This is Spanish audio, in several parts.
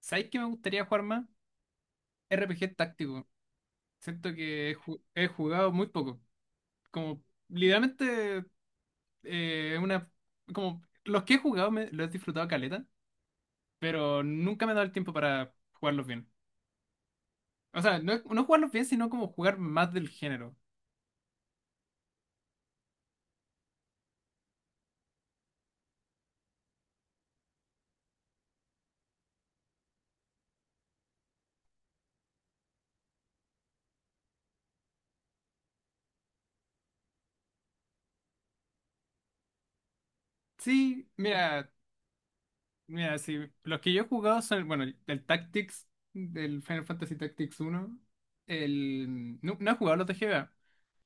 ¿Sabéis que me gustaría jugar más? RPG táctico. Siento que he jugado muy poco. Como, literalmente, una. Como, los que he jugado los he disfrutado caleta, pero nunca me he dado el tiempo para jugarlos bien. O sea, no, no jugarlos bien, sino como jugar más del género. Sí, mira, mira, sí. Los que yo he jugado son, bueno, el Tactics, del Final Fantasy Tactics uno. No, no he jugado los de GBA.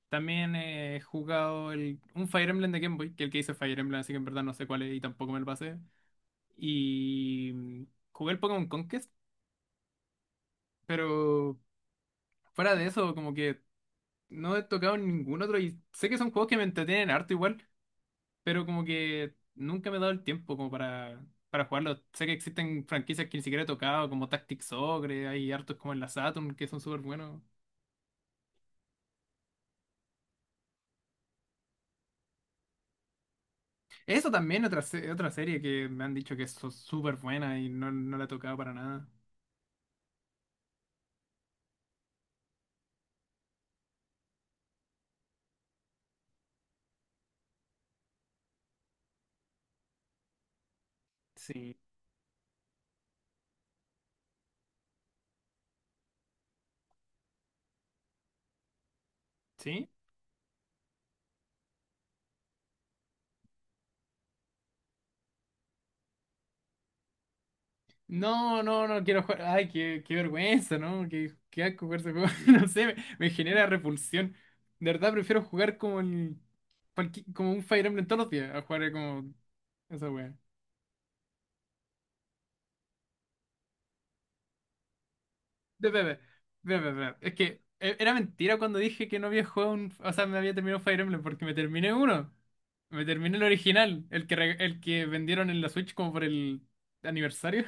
También he jugado un Fire Emblem de Game Boy, que el que hice es Fire Emblem, así que en verdad no sé cuál es y tampoco me lo pasé. Y jugué el Pokémon Conquest, pero fuera de eso, como que no he tocado ningún otro. Y sé que son juegos que me entretienen harto igual, pero como que nunca me he dado el tiempo como para jugarlos. Sé que existen franquicias que ni siquiera he tocado, como Tactics Ogre, hay hartos como en la Saturn que son súper buenos. Eso también, otra serie que me han dicho que es súper buena y no, no la he tocado para nada. Sí. ¿Sí? No, no, no quiero jugar. Ay, qué vergüenza, ¿no? Qué asco jugar ese juego. No sé, me genera repulsión. De verdad prefiero jugar como como un Fire Emblem todos los días a jugar como esa wea. De bebé, bebé, bebé. Es que era mentira cuando dije que no había jugado un. O sea, me había terminado Fire Emblem porque me terminé uno. Me terminé el original, el que vendieron en la Switch como por el aniversario.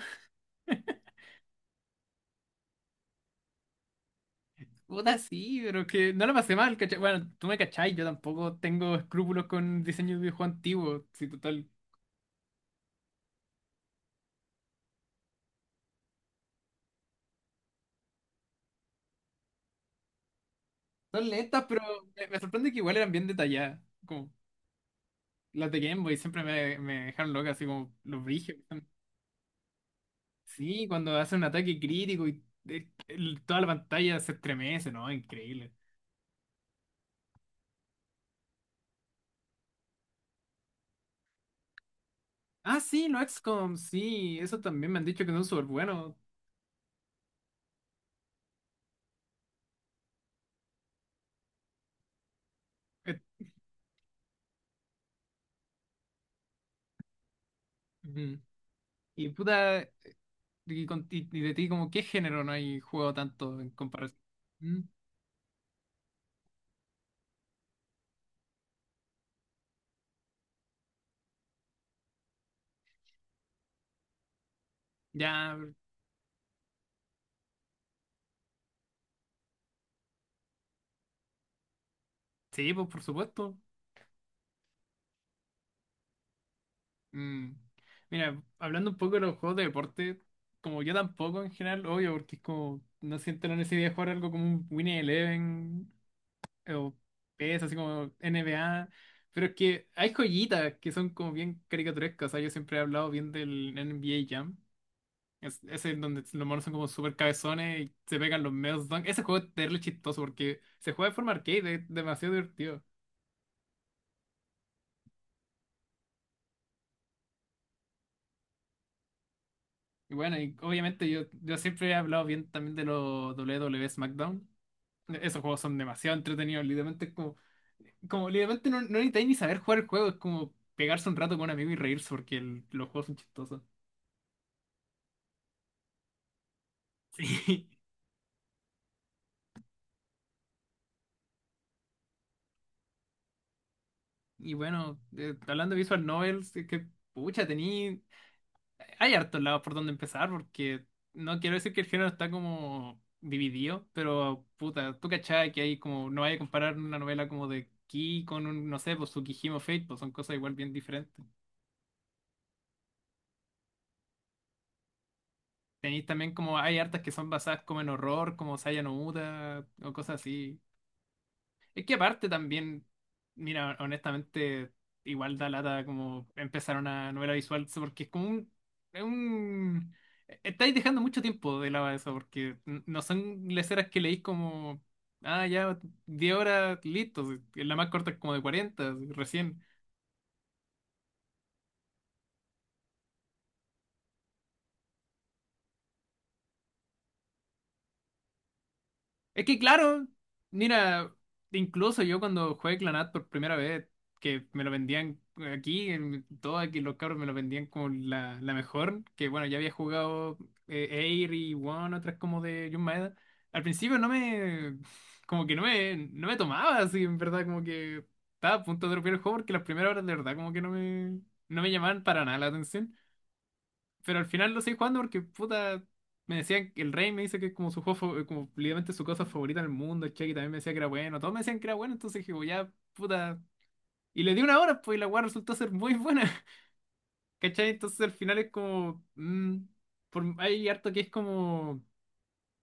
Puta, sí, pero que no la pasé mal, ¿cachai? Bueno, tú me cachai, yo tampoco tengo escrúpulos con diseño de videojuego antiguo. Sí, total. Son lentas, pero me sorprende que igual eran bien detalladas. Como las de Game Boy siempre me dejaron loca, así como los brígidos. Sí, cuando hace un ataque crítico y toda la pantalla se estremece, ¿no? Increíble. Ah, sí, los XCOM, sí, eso también me han dicho que son súper buenos. Eh, ujú. Y puta, y de ti, como, ¿qué género no hay juego tanto en comparación? Ya, sí, pues por supuesto. Mm. Mira, hablando un poco de los juegos de deporte, como yo tampoco en general, obvio, porque es como, no siento la necesidad de jugar algo como un Winning Eleven o PES, así como NBA, pero es que hay joyitas que son como bien caricaturescas, o sea, yo siempre he hablado bien del NBA Jam, ese es donde los monos son como súper cabezones y se pegan los medios dunk, ese juego es terrible chistoso porque se juega de forma arcade, es demasiado divertido. Y bueno, y obviamente yo siempre he hablado bien también de los W W WWE SmackDown. Esos juegos son demasiado entretenidos, literalmente es como literalmente no, no necesitáis ni saber jugar el juego, es como pegarse un rato con un amigo y reírse porque los juegos son chistosos. Sí. Y bueno, hablando de Visual Novels, es que pucha, tení. Hay hartos lados por donde empezar, porque no quiero decir que el género está como dividido, pero puta, tú cachai que hay como, no vaya a comparar una novela como de Ki con un, no sé, pues Tsukihime o Fate, pues son cosas igual bien diferentes. Tenéis también como, hay hartas que son basadas como en horror, como Saya no Uta, o cosas así. Es que aparte también, mira, honestamente, igual da lata como empezar una novela visual, porque es como un, es un. Estáis dejando mucho tiempo de lado eso, porque no son leceras que leís como, ah, ya, 10 horas, listo, la más corta es como de 40 recién. Es que claro, mira, incluso yo cuando jugué Clanat por primera vez, que me lo vendían aquí, en todo aquí los cabros me lo vendían como la mejor, que bueno, ya había jugado Air y One, otras como de Jun Maeda. Al principio no me, como que no me, tomaba así, en verdad, como que estaba a punto de romper el juego porque las primeras horas de verdad como que no me llamaban para nada la atención. Pero al final lo seguí jugando porque, puta, me decían que el Rey me dice que es como su juego, como literalmente su cosa favorita del mundo. El Chucky también me decía que era bueno. Todos me decían que era bueno, entonces dije: "Bueno, ya, puta. Y le di una hora, pues, y la weá resultó ser muy buena". ¿Cachai? Entonces al final es como, hay harto que es como,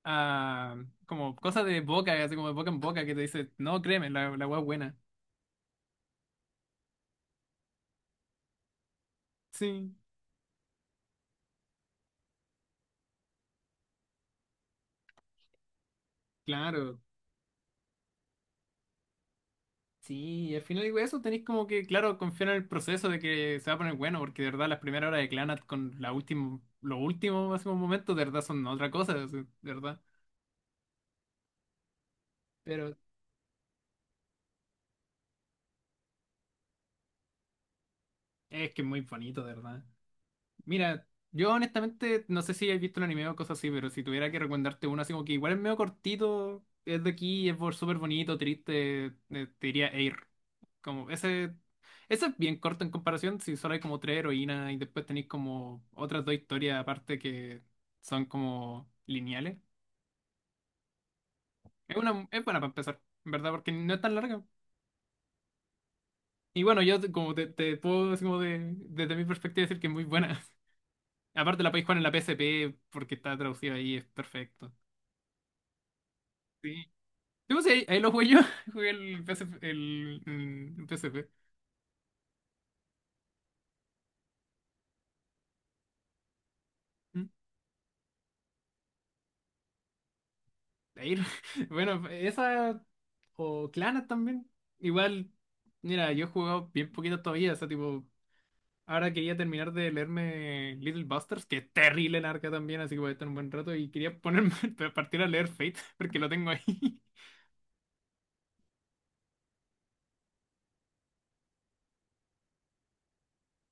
ah, como cosa de boca, así como de boca en boca, que te dice, no, créeme, la weá es buena. Sí, claro. Sí, y al final digo eso, tenéis como que, claro, confiar en el proceso de que se va a poner bueno, porque de verdad las primeras horas de Clanat con la última, los últimos hace un momento, de verdad son otra cosa, de verdad. Pero es que es muy bonito, de verdad. Mira, yo honestamente no sé si habéis visto un anime o cosas así, pero si tuviera que recomendarte uno así como que igual es medio cortito, es de aquí, es súper bonito, triste, te diría Air. Como ese, ese es bien corto en comparación, si solo hay como tres heroínas y después tenéis como otras dos historias aparte que son como lineales. Es buena para empezar, en verdad, porque no es tan larga. Y bueno, yo te puedo así como desde mi perspectiva decir que es muy buena. Aparte la podéis jugar en la PSP porque está traducida ahí, es perfecto. Sí. Sí, pues, ahí lo jugué yo, jugué el PSP, el PSP. Ir- Bueno, esa o Clanas también. Igual, mira, yo he jugado bien poquito todavía, o sea, tipo, ahora quería terminar de leerme Little Busters, que es terrible larga también, así que voy a estar un buen rato y quería ponerme a partir a leer Fate, porque lo tengo ahí.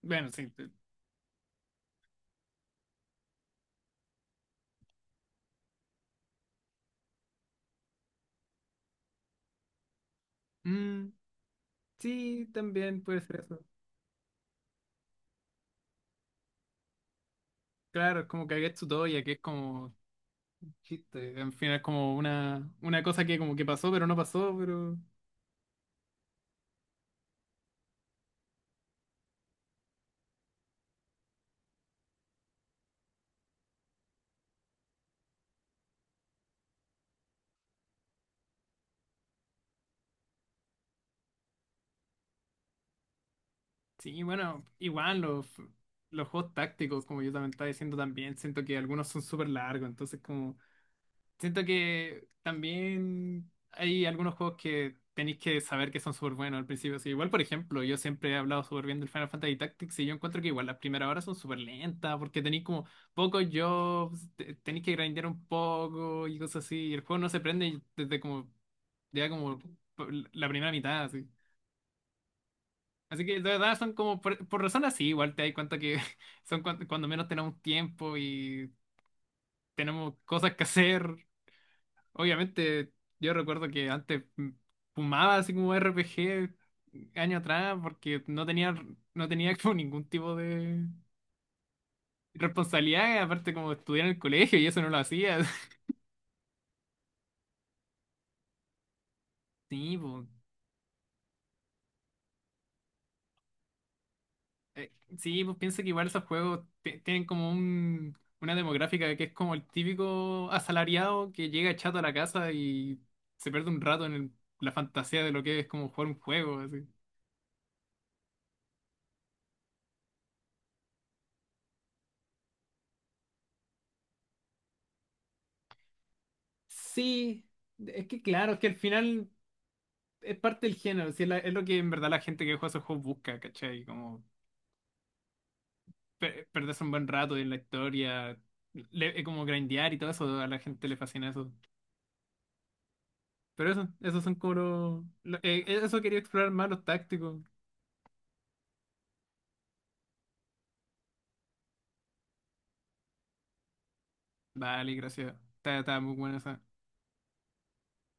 Bueno, sí. Mm, sí, también puede ser eso. Claro, es como Kagetsu Toya, que es como chiste, en fin, es como una cosa que como que pasó, pero no pasó. Pero sí, bueno, igual los juegos tácticos, como yo también estaba diciendo también, siento que algunos son súper largos, entonces como siento que también hay algunos juegos que tenéis que saber que son súper buenos al principio. Así, igual, por ejemplo, yo siempre he hablado súper bien del Final Fantasy Tactics y yo encuentro que igual las primeras horas son súper lentas porque tenéis como pocos jobs, tenéis que grindear un poco y cosas así, y el juego no se prende desde como ya como la primera mitad. Así que de verdad son como, por razones así, igual te das cuenta que son cuando, menos tenemos tiempo y tenemos cosas que hacer. Obviamente, yo recuerdo que antes fumaba así como RPG años atrás porque no tenía, no tenía como ningún tipo de responsabilidad, aparte como estudiar en el colegio y eso no lo hacía. Sí, pues. Eh, sí, pues piensa que igual esos juegos tienen como una demográfica que es como el típico asalariado que llega chato a la casa y se pierde un rato en la fantasía de lo que es como jugar un juego, así. Sí, es que claro, es que al final es parte del género, sí, es lo que en verdad la gente que juega esos juegos busca, ¿cachai? Como perderse un buen rato en la historia, como grindear y todo eso, a la gente le fascina eso. Pero eso, esos son como los. Eso quería explorar más los tácticos. Vale, gracias. Está muy buena esa.